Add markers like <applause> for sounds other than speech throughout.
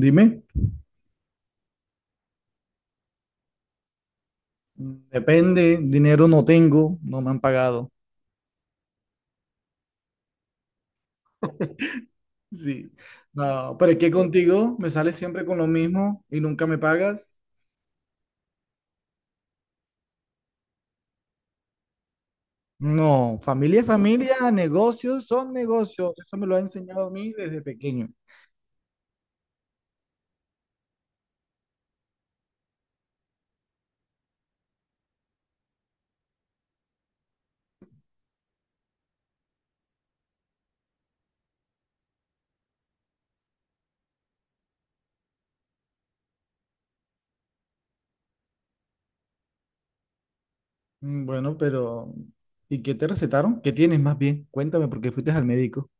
Dime, depende, dinero no tengo, no me han pagado. Sí, no, pero es que contigo me sales siempre con lo mismo y nunca me pagas. No, familia es familia, negocios son negocios, eso me lo ha enseñado a mí desde pequeño. Bueno, pero ¿y qué te recetaron? ¿Qué tienes más bien? Cuéntame por qué fuiste al médico.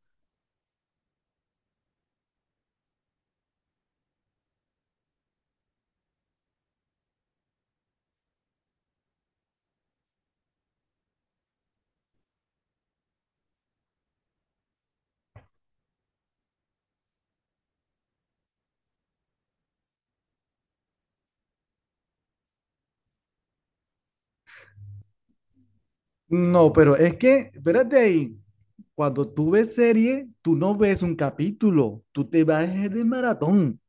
No, pero es que, espérate ahí, cuando tú ves serie, tú no ves un capítulo, tú te vas de maratón.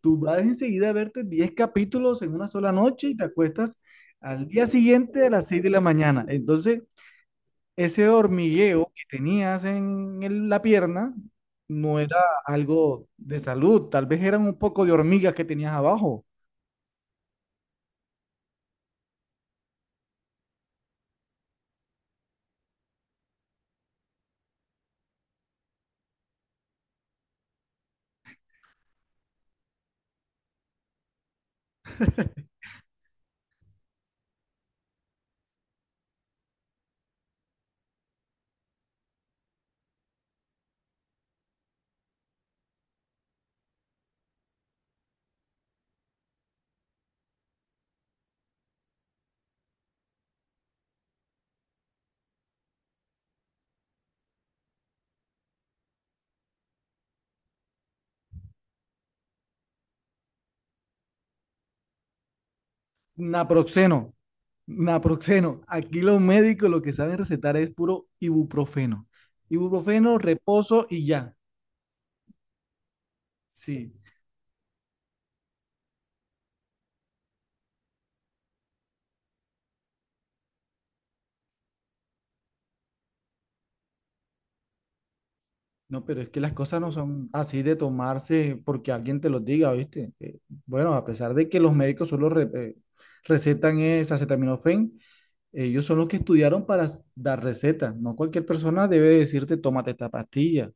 Tú vas enseguida a verte 10 capítulos en una sola noche y te acuestas al día siguiente a las 6 de la mañana. Entonces, ese hormigueo que tenías en la pierna no era algo de salud, tal vez eran un poco de hormigas que tenías abajo. Naproxeno, naproxeno. Aquí los médicos lo que saben recetar es puro ibuprofeno. Ibuprofeno, reposo y ya. Sí. No, pero es que las cosas no son así de tomarse porque alguien te los diga, ¿viste? Bueno, a pesar de que los médicos solo recetan es acetaminofén, ellos son los que estudiaron para dar recetas. No cualquier persona debe decirte, tómate esta pastilla.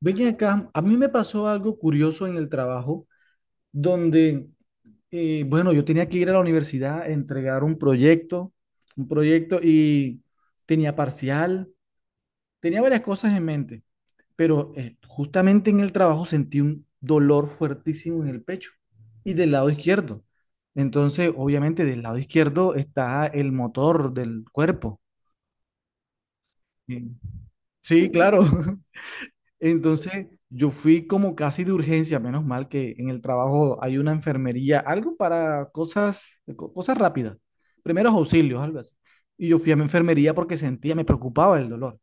Ven acá, a mí me pasó algo curioso en el trabajo, donde, bueno, yo tenía que ir a la universidad a entregar un proyecto y tenía parcial, tenía varias cosas en mente. Pero justamente en el trabajo sentí un dolor fuertísimo en el pecho y del lado izquierdo. Entonces, obviamente, del lado izquierdo está el motor del cuerpo. Eh, Sí, claro. <laughs> Entonces, yo fui como casi de urgencia, menos mal que en el trabajo hay una enfermería, algo para cosas, cosas rápidas, primeros auxilios, algo así. Y yo fui a mi enfermería porque sentía, me preocupaba el dolor.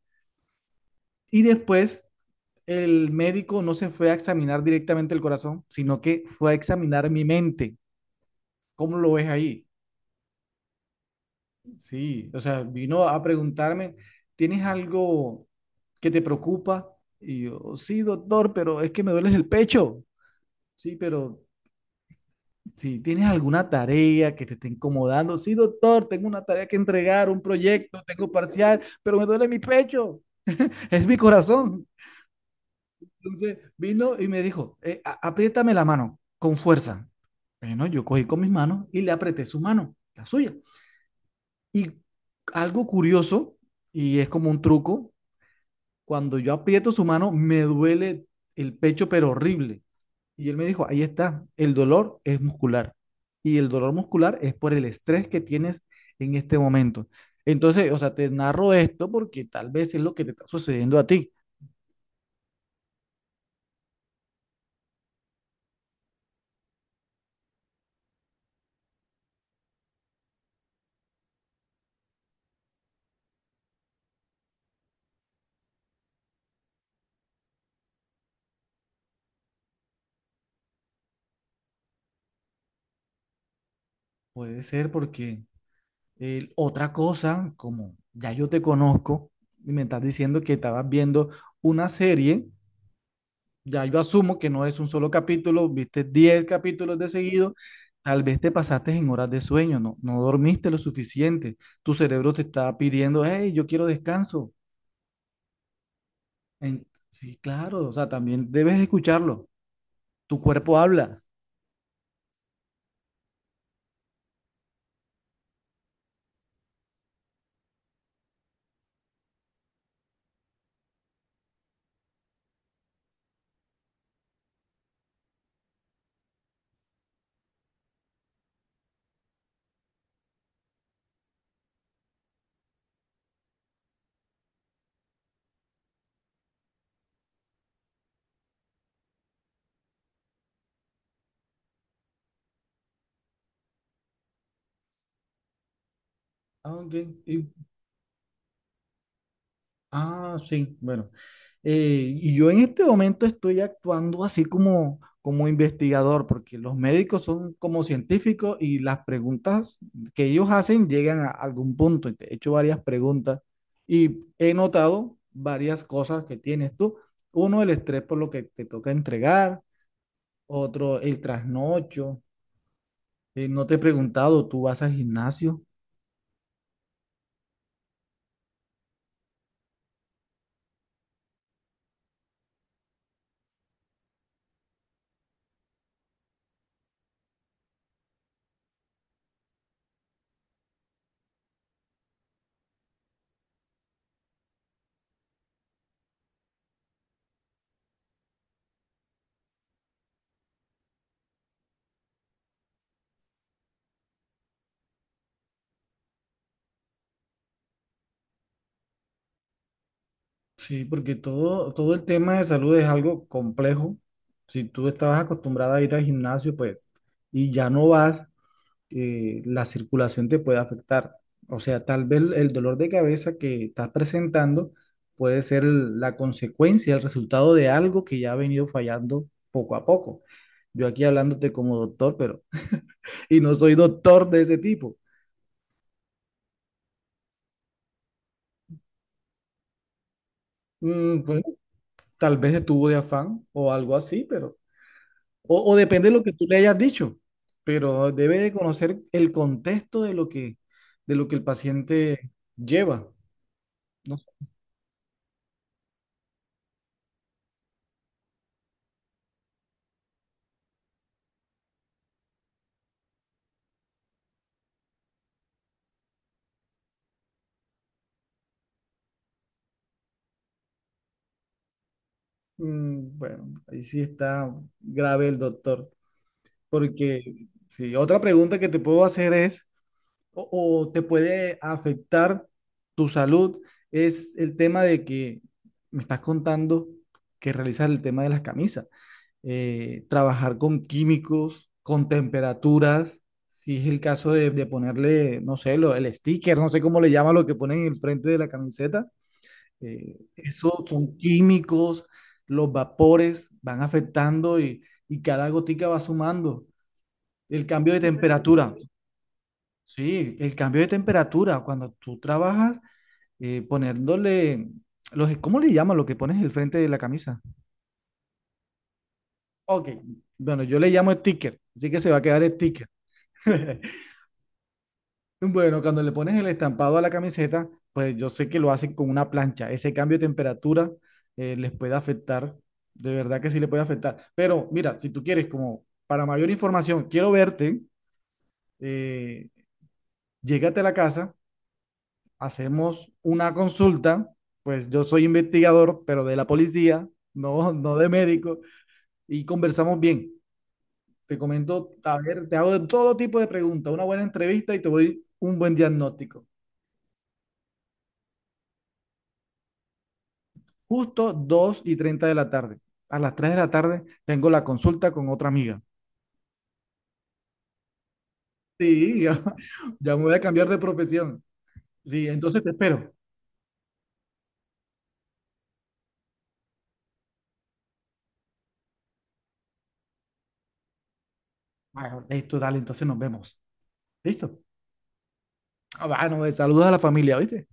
Y después el médico no se fue a examinar directamente el corazón, sino que fue a examinar mi mente. ¿Cómo lo ves ahí? Sí, o sea, vino a preguntarme, ¿tienes algo que te preocupa? Y yo, sí, doctor, pero es que me duele el pecho. Sí, pero si tienes alguna tarea que te esté incomodando, sí, doctor, tengo una tarea que entregar, un proyecto, tengo parcial, pero me duele mi pecho, es mi corazón. Entonces vino y me dijo, apriétame la mano con fuerza. Bueno, yo cogí con mis manos y le apreté su mano, la suya. Y algo curioso, y es como un truco, cuando yo aprieto su mano me duele el pecho, pero horrible. Y él me dijo, ahí está, el dolor es muscular. Y el dolor muscular es por el estrés que tienes en este momento. Entonces, o sea, te narro esto porque tal vez es lo que te está sucediendo a ti. Puede ser porque. Otra cosa, como ya yo te conozco y me estás diciendo que estabas viendo una serie, ya yo asumo que no es un solo capítulo, viste 10 capítulos de seguido, tal vez te pasaste en horas de sueño, no, no dormiste lo suficiente, tu cerebro te está pidiendo, hey, yo quiero descanso. Sí, claro, o sea, también debes escucharlo, tu cuerpo habla. Ah, ok. ¿Y Ah, sí, bueno. Y yo en este momento estoy actuando así como investigador, porque los médicos son como científicos y las preguntas que ellos hacen llegan a algún punto. Y te he hecho varias preguntas y he notado varias cosas que tienes tú. Uno, el estrés por lo que te toca entregar. Otro, el trasnocho. No te he preguntado, ¿tú vas al gimnasio? Sí, porque todo el tema de salud es algo complejo. Si tú estabas acostumbrada a ir al gimnasio, pues, y ya no vas, la circulación te puede afectar. O sea, tal vez el dolor de cabeza que estás presentando puede ser la consecuencia, el resultado de algo que ya ha venido fallando poco a poco. Yo aquí hablándote como doctor, pero, <laughs> y no soy doctor de ese tipo. Bueno, tal vez estuvo de afán o algo así, pero. O depende de lo que tú le hayas dicho, pero debe de conocer el contexto de lo que el paciente lleva, no sé. Bueno, ahí sí está grave el doctor, porque sí, otra pregunta que te puedo hacer es, o, o te puede afectar tu salud, es el tema de que me estás contando que realizas el tema de las camisas. Trabajar con químicos, con temperaturas, si es el caso de ponerle, no sé, lo, el sticker, no sé cómo le llama lo que ponen en el frente de la camiseta, eso son químicos, los vapores van afectando y cada gotica va sumando. El cambio de temperatura, sí, el cambio de temperatura, cuando tú trabajas poniéndole. Los, ¿cómo le llama lo que pones en el frente de la camisa? Ok, bueno, yo le llamo sticker, así que se va a quedar sticker. <laughs> Bueno, cuando le pones el estampado a la camiseta, pues yo sé que lo hacen con una plancha. Ese cambio de temperatura les puede afectar. De verdad que sí le puede afectar. Pero mira, si tú quieres, como para mayor información, quiero verte, eh, llégate a la casa, hacemos una consulta. Pues yo soy investigador, pero de la policía, no, no de médico, y conversamos bien. Te comento, a ver, te hago de todo tipo de preguntas, una buena entrevista y te doy un buen diagnóstico. Justo 2:30 de la tarde. A las 3 de la tarde tengo la consulta con otra amiga. Sí, <laughs> ya, ya me voy a cambiar de profesión. Sí, entonces te espero. Bueno, listo, dale, entonces nos vemos. ¿Listo? Ah, bueno, saludos a la familia, ¿viste?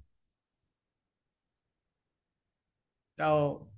Chao.